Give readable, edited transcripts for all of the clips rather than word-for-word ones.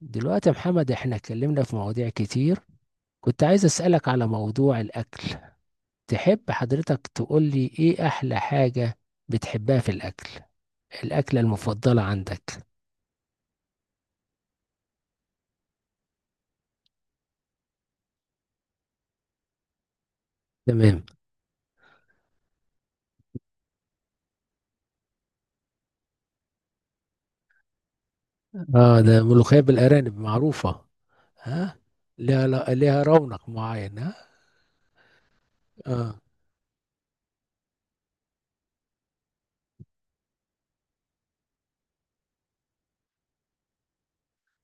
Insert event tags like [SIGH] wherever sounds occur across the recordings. دلوقتي يا محمد، احنا اتكلمنا في مواضيع كتير. كنت عايز اسألك على موضوع الأكل. تحب حضرتك تقول لي ايه أحلى حاجة بتحبها في الأكل، الأكلة المفضلة عندك؟ تمام. اه، ده ملوخية بالأرانب معروفة. ها. ليها ليها رونق معين، ها. اه.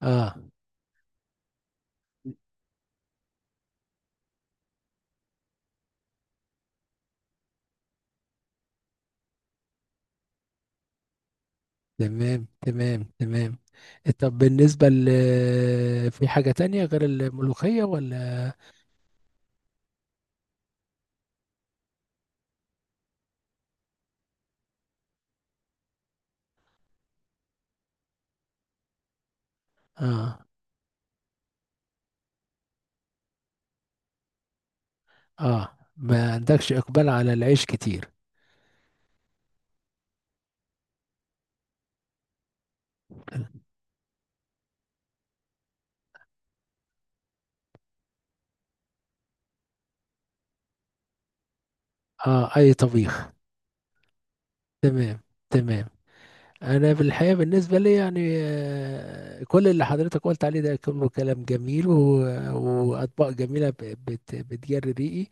اه. تمام. طب بالنسبة ل، في حاجة تانية غير الملوخية ولا؟ اه. اه، ما عندكش إقبال على العيش كتير. اه، اي طبيخ. تمام تمام. انا بالحقيقه بالنسبه لي يعني كل اللي حضرتك قلت عليه ده كله كلام جميل واطباق جميله، بتجري ريقي.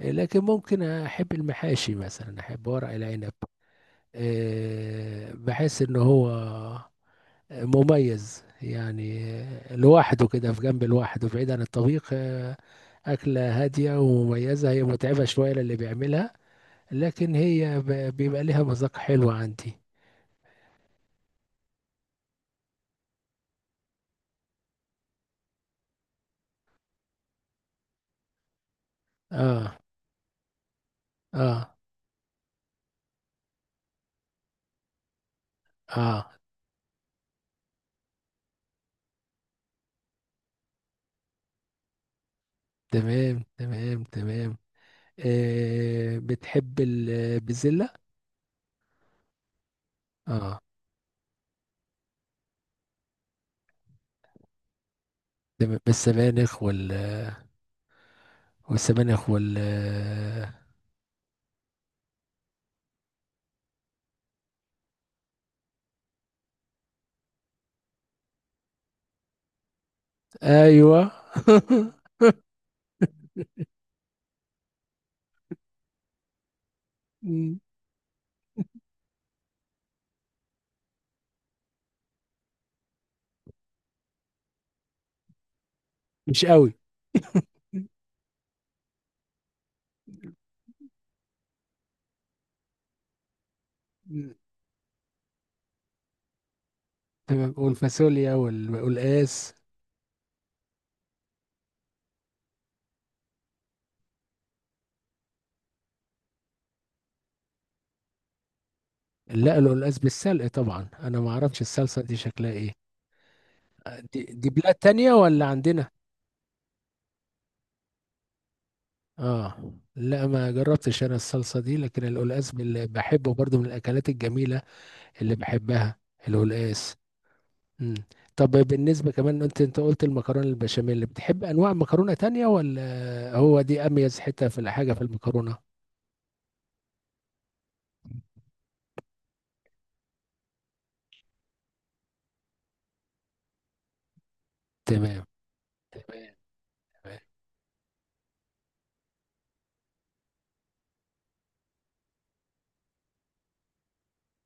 لكن ممكن احب المحاشي مثلا، احب ورق العنب. بحس ان هو مميز يعني، لوحده كده، في جنب لوحده بعيد عن الطبيخ. أكلة هادية ومميزة، هي متعبة شوية للي بيعملها، لكن هي بيبقى ليها مذاق حلو عندي. اه. اه. اه. تمام. آه، بتحب البزلة. اه. تمام، بالسبانخ وال والسبانخ وال آه ايوه [LAUGHS] م، مش قوي. م. تمام، والفاصوليا والقلقاس. لا، القلقاس بالسلق طبعا، انا ما اعرفش الصلصة دي شكلها ايه. آه، دي بلاد تانية ولا عندنا؟ اه، لا، ما جربتش انا الصلصة دي، لكن القلقاس بحبه برضو، من الاكلات الجميلة اللي بحبها، القلقاس. مم. طب بالنسبة كمان، انت قلت المكرونة البشاميل، بتحب انواع مكرونة تانية ولا هو دي اميز حتة في الحاجة في المكرونة؟ تمام تمام تمام.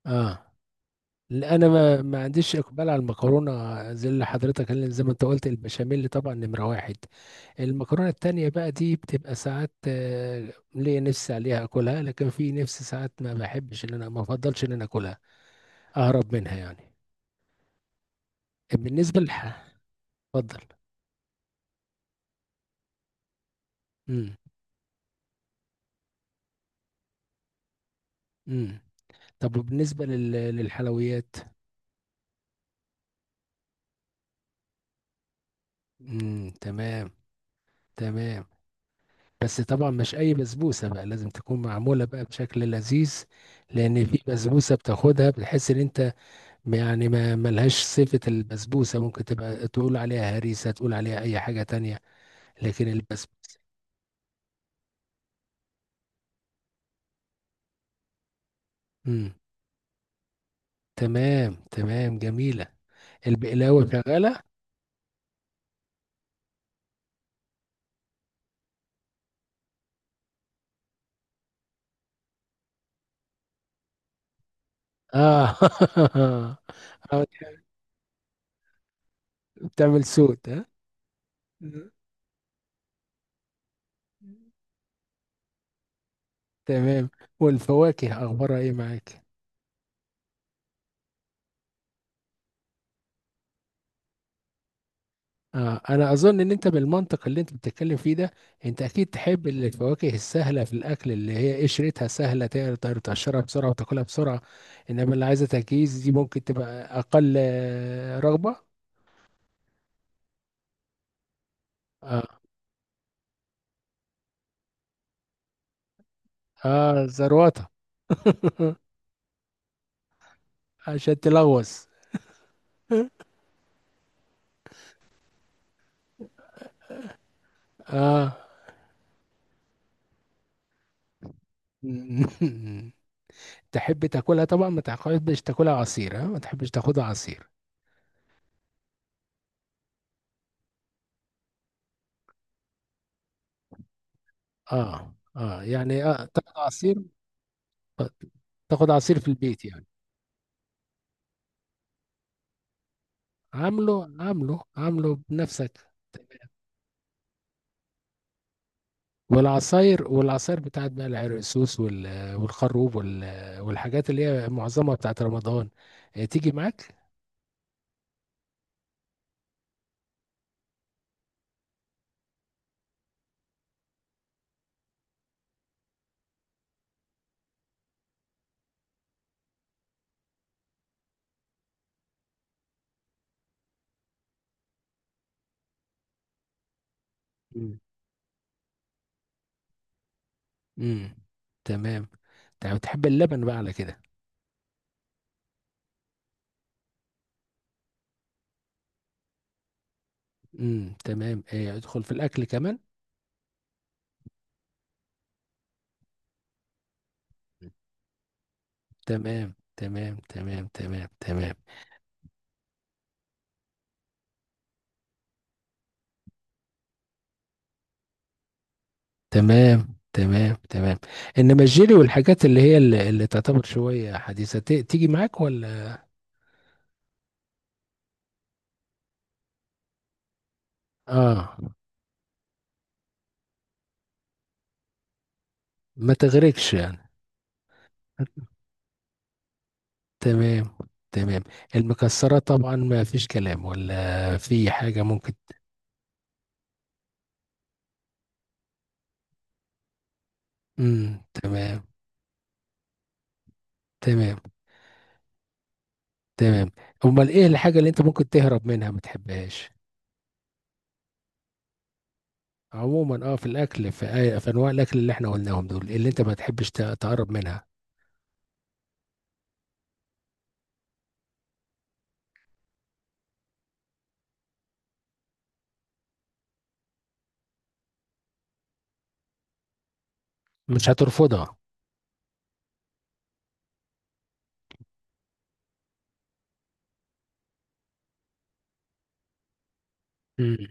اه، لا، انا ما عنديش اقبال على المكرونة. زي اللي حضرتك، اللي زي ما انت قلت، البشاميل طبعا نمرة واحد. المكرونة التانية بقى دي بتبقى ساعات، ليا نفسي عليها اكلها، لكن في نفسي ساعات ما بحبش ان انا، ما افضلش ان انا اكلها، اهرب منها يعني. بالنسبة للح، اتفضل. امم. طب وبالنسبة للحلويات. امم، تمام. تمام، بس طبعا مش اي بسبوسة بقى، لازم تكون معمولة بقى بشكل لذيذ، لان في بسبوسة بتاخدها بتحس ان انت يعني ما ملهاش صفة البسبوسة، ممكن تبقى تقول عليها هريسة، تقول عليها اي حاجة تانية، لكن البسبوسة. امم، تمام، تمام جميلة. البقلاوة شغالة. اه [LAUGHS] آه، بتعمل صوت. ها، تمام. والفواكه اخبارها ايه معاك؟ آه، انا اظن ان انت بالمنطق اللي انت بتتكلم فيه ده، انت اكيد تحب الفواكه السهله في الاكل، اللي هي قشرتها سهله، تقدر تقشرها بسرعه وتاكلها بسرعه، انما اللي عايزه تجهيز دي ممكن تبقى اقل رغبه. اه. اه، زروطه [LAUGHS] عشان تلغوص. اه [LAUGHS] تحب تاكلها طبعا، ما تحبش تاكلها عصير، ها؟ ما تحبش تاخدها عصير؟ اه، اه، يعني اه، تاخد عصير، تاخد عصير في البيت يعني؟ عامله عامله بنفسك. والعصاير، والعصاير بتاعت بقى العرقسوس والخروب والحاجات اللي هي معظمها بتاعت رمضان، تيجي معاك؟ مم. مم. تمام. تمام، تحب اللبن بقى على كده. مم، تمام، ادخل في الاكل كمان. تمام تمام تمام تمام تمام تمام تمام. انما الجيلي والحاجات اللي هي اللي تعتبر شويه حديثه، تيجي معاك ولا؟ اه، ما تغرقش يعني. تمام تمام. المكسرات طبعا، ما فيش كلام، ولا في حاجة ممكن؟ امم، تمام تمام. امال ايه الحاجة اللي انت ممكن تهرب منها ما تحبهاش عموما؟ اه، في الاكل، في انواع الاكل اللي احنا قلناهم دول، اللي انت ما تحبش تقرب منها. مش هترفضها. امم.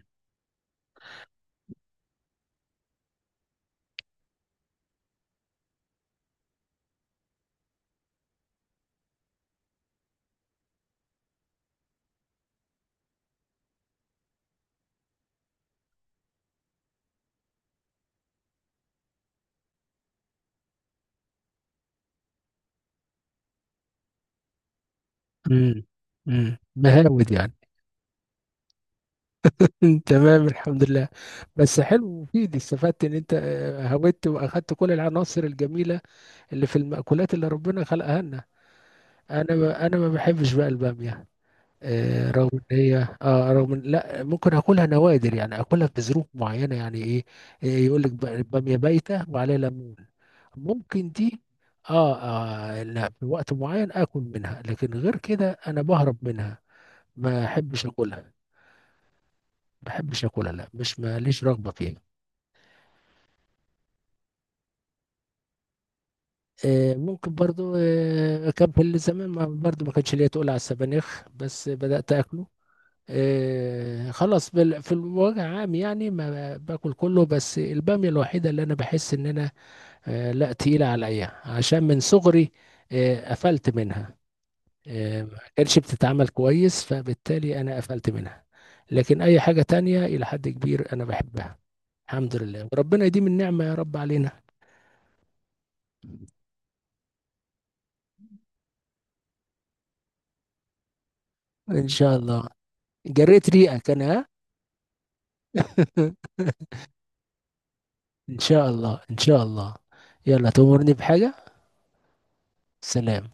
امم. امم، بهاود يعني. [LAUGHS] تمام، الحمد لله. بس حلو ومفيد، استفدت ان انت، هودت واخدت كل العناصر الجميلة اللي في المأكولات اللي ربنا خلقها لنا. انا ما انا ما بحبش بقى البامية. آه، رغم ان هي، اه، رغم إن، لا، ممكن اكلها نوادر يعني، اكلها في ظروف معينة، يعني ايه، إيه يقول لك بامية بايتة وعليها ليمون، ممكن دي. آه، اه، لا، في وقت معين اكل منها، لكن غير كده انا بهرب منها، ما احبش اكلها، ما بحبش اكلها، لا، مش ماليش رغبة فيها. ممكن برضو، كان في الزمان برضو ما كانش ليا تقول على السبانخ، بس بدأت أكله. خلاص، في الوجه عام يعني، ما باكل كله، بس البامية الوحيدة اللي انا بحس ان انا، لا، تقيلة عليا، عشان من صغري قفلت منها، ما كانش بتتعمل كويس، فبالتالي انا قفلت منها. لكن اي حاجة تانية الى حد كبير انا بحبها، الحمد لله، وربنا يديم النعمة يا رب علينا. ان شاء الله. جريت ريقك انا. ها [LAUGHS] ان شاء الله. يلا، تأمرني بحاجة. سلام.